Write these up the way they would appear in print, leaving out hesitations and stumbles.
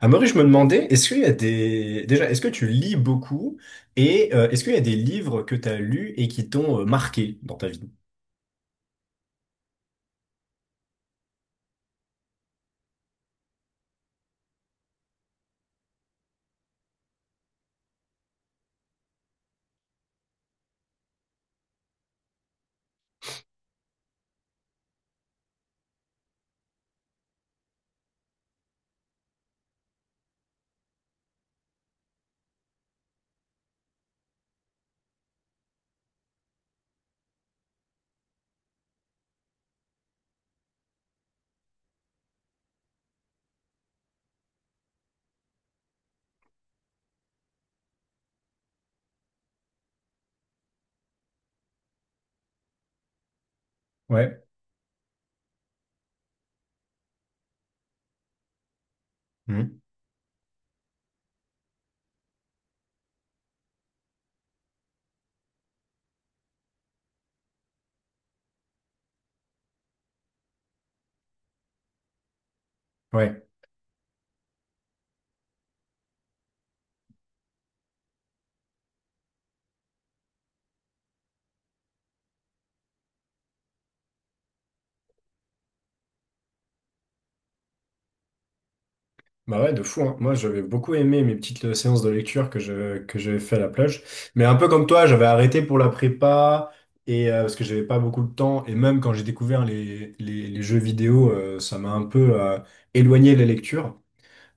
Amaury, je me demandais, est-ce qu'il y a des... Déjà, est-ce que tu lis beaucoup et est-ce qu'il y a des livres que tu as lus et qui t'ont marqué dans ta vie? Ouais. Mhm. Ouais, bah ouais, de fou, hein. Moi, j'avais beaucoup aimé mes petites séances de lecture que j'avais fait à la plage. Mais un peu comme toi, j'avais arrêté pour la prépa et parce que j'avais pas beaucoup de temps. Et même quand j'ai découvert les jeux vidéo, ça m'a un peu éloigné les lectures.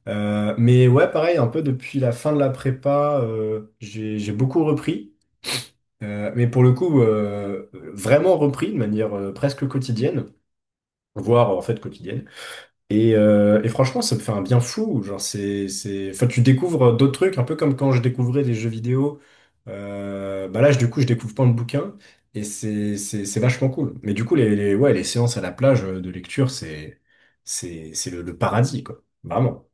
Mais ouais, pareil, un peu depuis la fin de la prépa, j'ai beaucoup repris. Mais pour le coup, vraiment repris de manière presque quotidienne, voire en fait quotidienne. Et franchement, ça me fait un bien fou. Genre, c'est... Enfin, tu découvres d'autres trucs, un peu comme quand je découvrais des jeux vidéo. Bah là, du coup, je découvre plein de bouquins et c'est vachement cool. Mais du coup, ouais, les séances à la plage de lecture, c'est le paradis, quoi. Vraiment.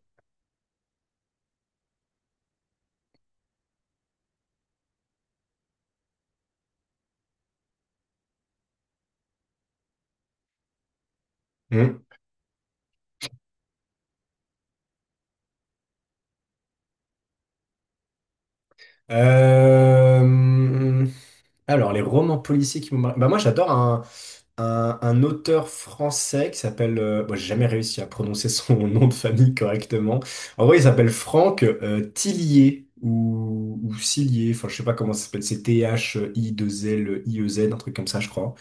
Hum. Euh, Alors, les romans policiers qui m'ont marqué. Bah, moi, j'adore un auteur français qui s'appelle... bon, j'ai jamais réussi à prononcer son nom de famille correctement. En vrai, il s'appelle Franck Tillier ou Cillier. Enfin, je sais pas comment ça s'appelle. C'est Thilliez un truc comme ça, je crois.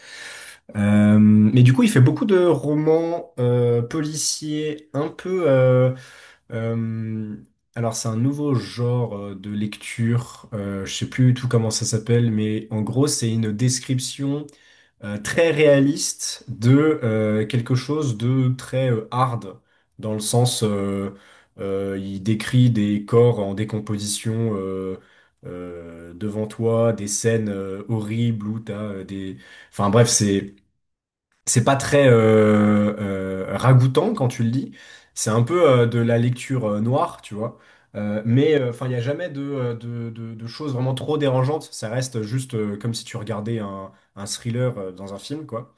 Mais du coup, il fait beaucoup de romans policiers un peu. Euh, alors c'est un nouveau genre de lecture, je sais plus du tout comment ça s'appelle, mais en gros c'est une description très réaliste de quelque chose de très hard, dans le sens il décrit des corps en décomposition devant toi, des scènes horribles où t'as des... Enfin bref, c'est... C'est pas très ragoûtant quand tu le dis. C'est un peu de la lecture noire, tu vois. Mais enfin, il n'y a jamais de choses vraiment trop dérangeantes. Ça reste juste comme si tu regardais un thriller dans un film, quoi.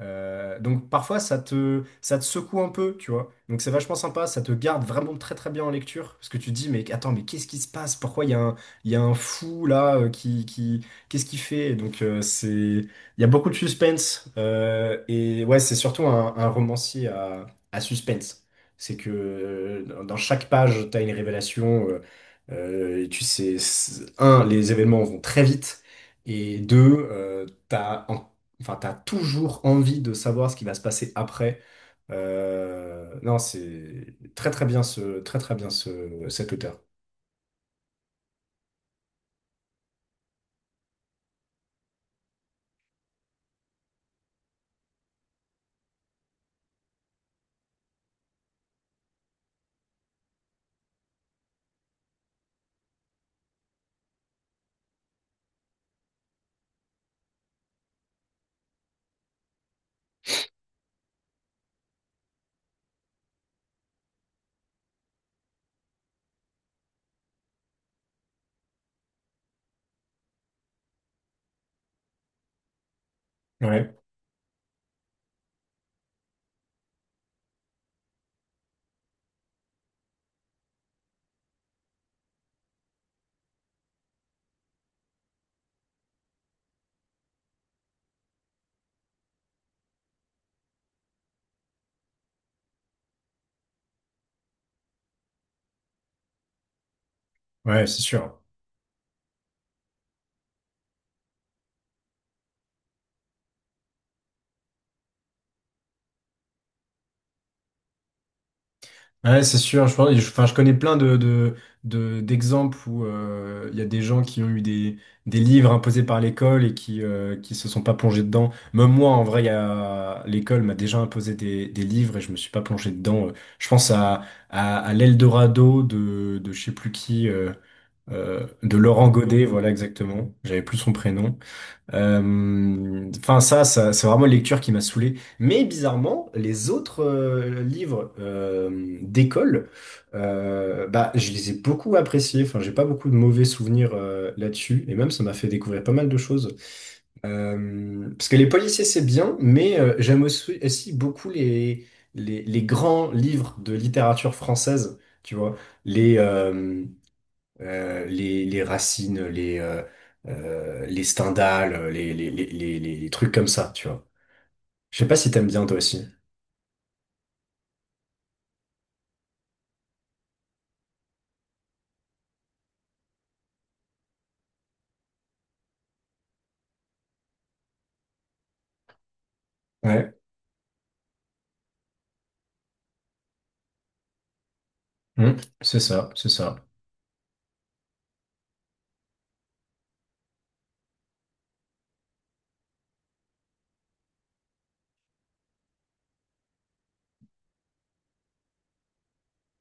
Donc parfois ça te secoue un peu, tu vois. Donc c'est vachement sympa, ça te garde vraiment très très bien en lecture, parce que tu te dis mais attends mais qu'est-ce qui se passe? Pourquoi il y a un fou là qui qu'est-ce qu'il fait? Donc il y a beaucoup de suspense et ouais c'est surtout un romancier à suspense. C'est que dans chaque page t'as une révélation. Et tu sais, c'est- un, les événements vont très vite et deux, t'as en... Enfin, t'as toujours envie de savoir ce qui va se passer après. Non, c'est très très bien ce, cet auteur. Ouais, ouais, c'est sûr. Ouais, c'est sûr. Enfin, je connais plein d'exemples où il y a des gens qui ont eu des livres imposés par l'école et qui se sont pas plongés dedans. Même moi, en vrai, il y a, l'école m'a déjà imposé des livres et je me suis pas plongé dedans. Je pense à l'Eldorado de je sais plus qui. De Laurent Godet, voilà exactement. J'avais plus son prénom. Enfin ça c'est vraiment une lecture qui m'a saoulé. Mais bizarrement, les autres livres d'école, bah je les ai beaucoup appréciés. Enfin j'ai pas beaucoup de mauvais souvenirs là-dessus. Et même ça m'a fait découvrir pas mal de choses. Parce que les policiers c'est bien, mais j'aime aussi, aussi beaucoup les grands livres de littérature française. Tu vois les, euh, les racines, les Stendhal, les trucs comme ça, tu vois. Je sais pas si t'aimes bien toi aussi. Ouais. Hmm, c'est ça, c'est ça.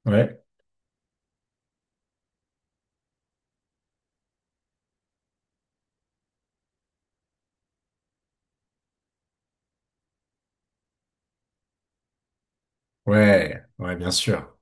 Ouais, ouais, ouais, bien sûr.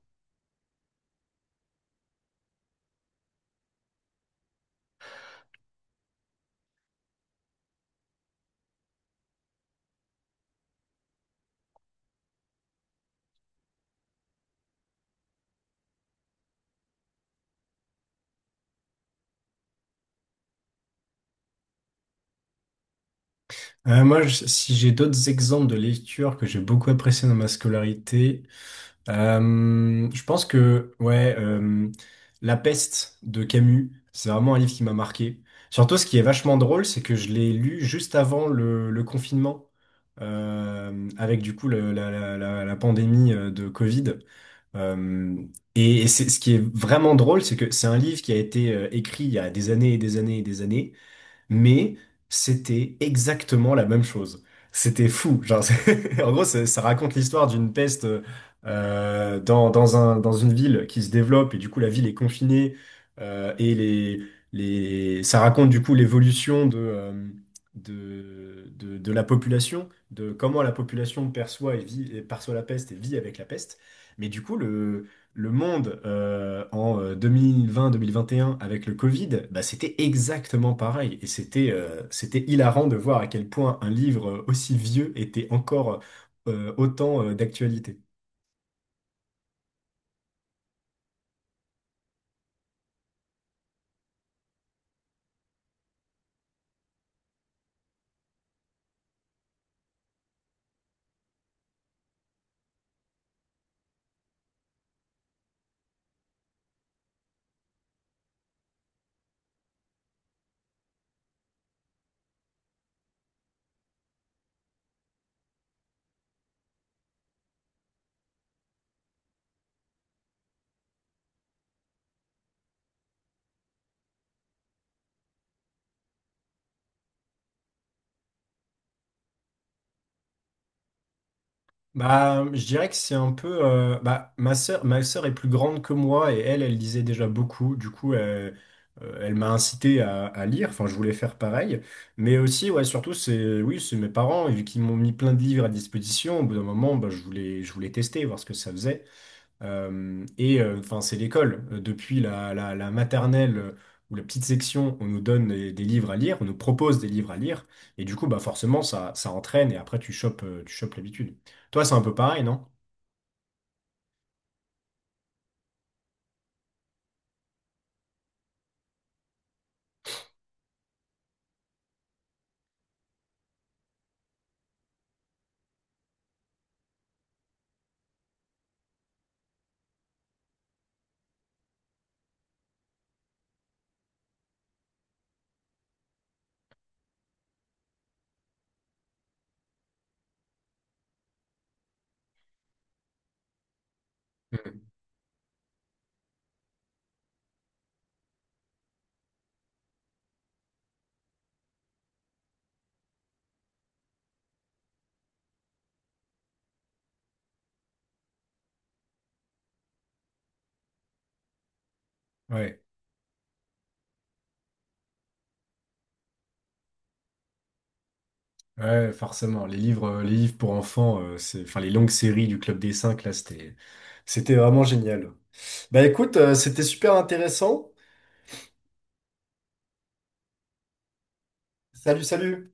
Moi, si j'ai d'autres exemples de lecture que j'ai beaucoup apprécié dans ma scolarité, je pense que ouais, La peste de Camus, c'est vraiment un livre qui m'a marqué. Surtout, ce qui est vachement drôle, c'est que je l'ai lu juste avant le confinement, avec du coup la pandémie de Covid. Euh, et c'est, ce qui est vraiment drôle, c'est que c'est un livre qui a été écrit il y a des années et des années et des années mais c'était exactement la même chose. C'était fou. Genre, en gros, ça raconte l'histoire d'une peste dans, dans une ville qui se développe et du coup la ville est confinée et ça raconte du coup l'évolution de la population, de comment la population perçoit et vit, et perçoit la peste et vit avec la peste. Mais du coup, le monde en 2020, 2021 avec le Covid, bah, c'était exactement pareil. Et c'était hilarant de voir à quel point un livre aussi vieux était encore autant d'actualité. Bah, je dirais que c'est un peu... bah, ma sœur est plus grande que moi et elle, elle lisait déjà beaucoup. Du coup, elle m'a incité à lire. Enfin, je voulais faire pareil. Mais aussi, ouais, surtout, c'est mes parents, vu qu'ils m'ont mis plein de livres à disposition. Au bout d'un moment, bah, je voulais tester, voir ce que ça faisait. Enfin, c'est l'école. Depuis la maternelle ou la petite section, on nous donne des livres à lire, on nous propose des livres à lire, et du coup, bah forcément, ça entraîne, et après, tu chopes l'habitude. Toi, c'est un peu pareil, non? Mhm. Ouais, ouais, forcément. Les livres pour enfants, c'est, enfin, les longues séries du Club des Cinq, là, c'était vraiment génial. Bah écoute, c'était super intéressant. Salut, salut!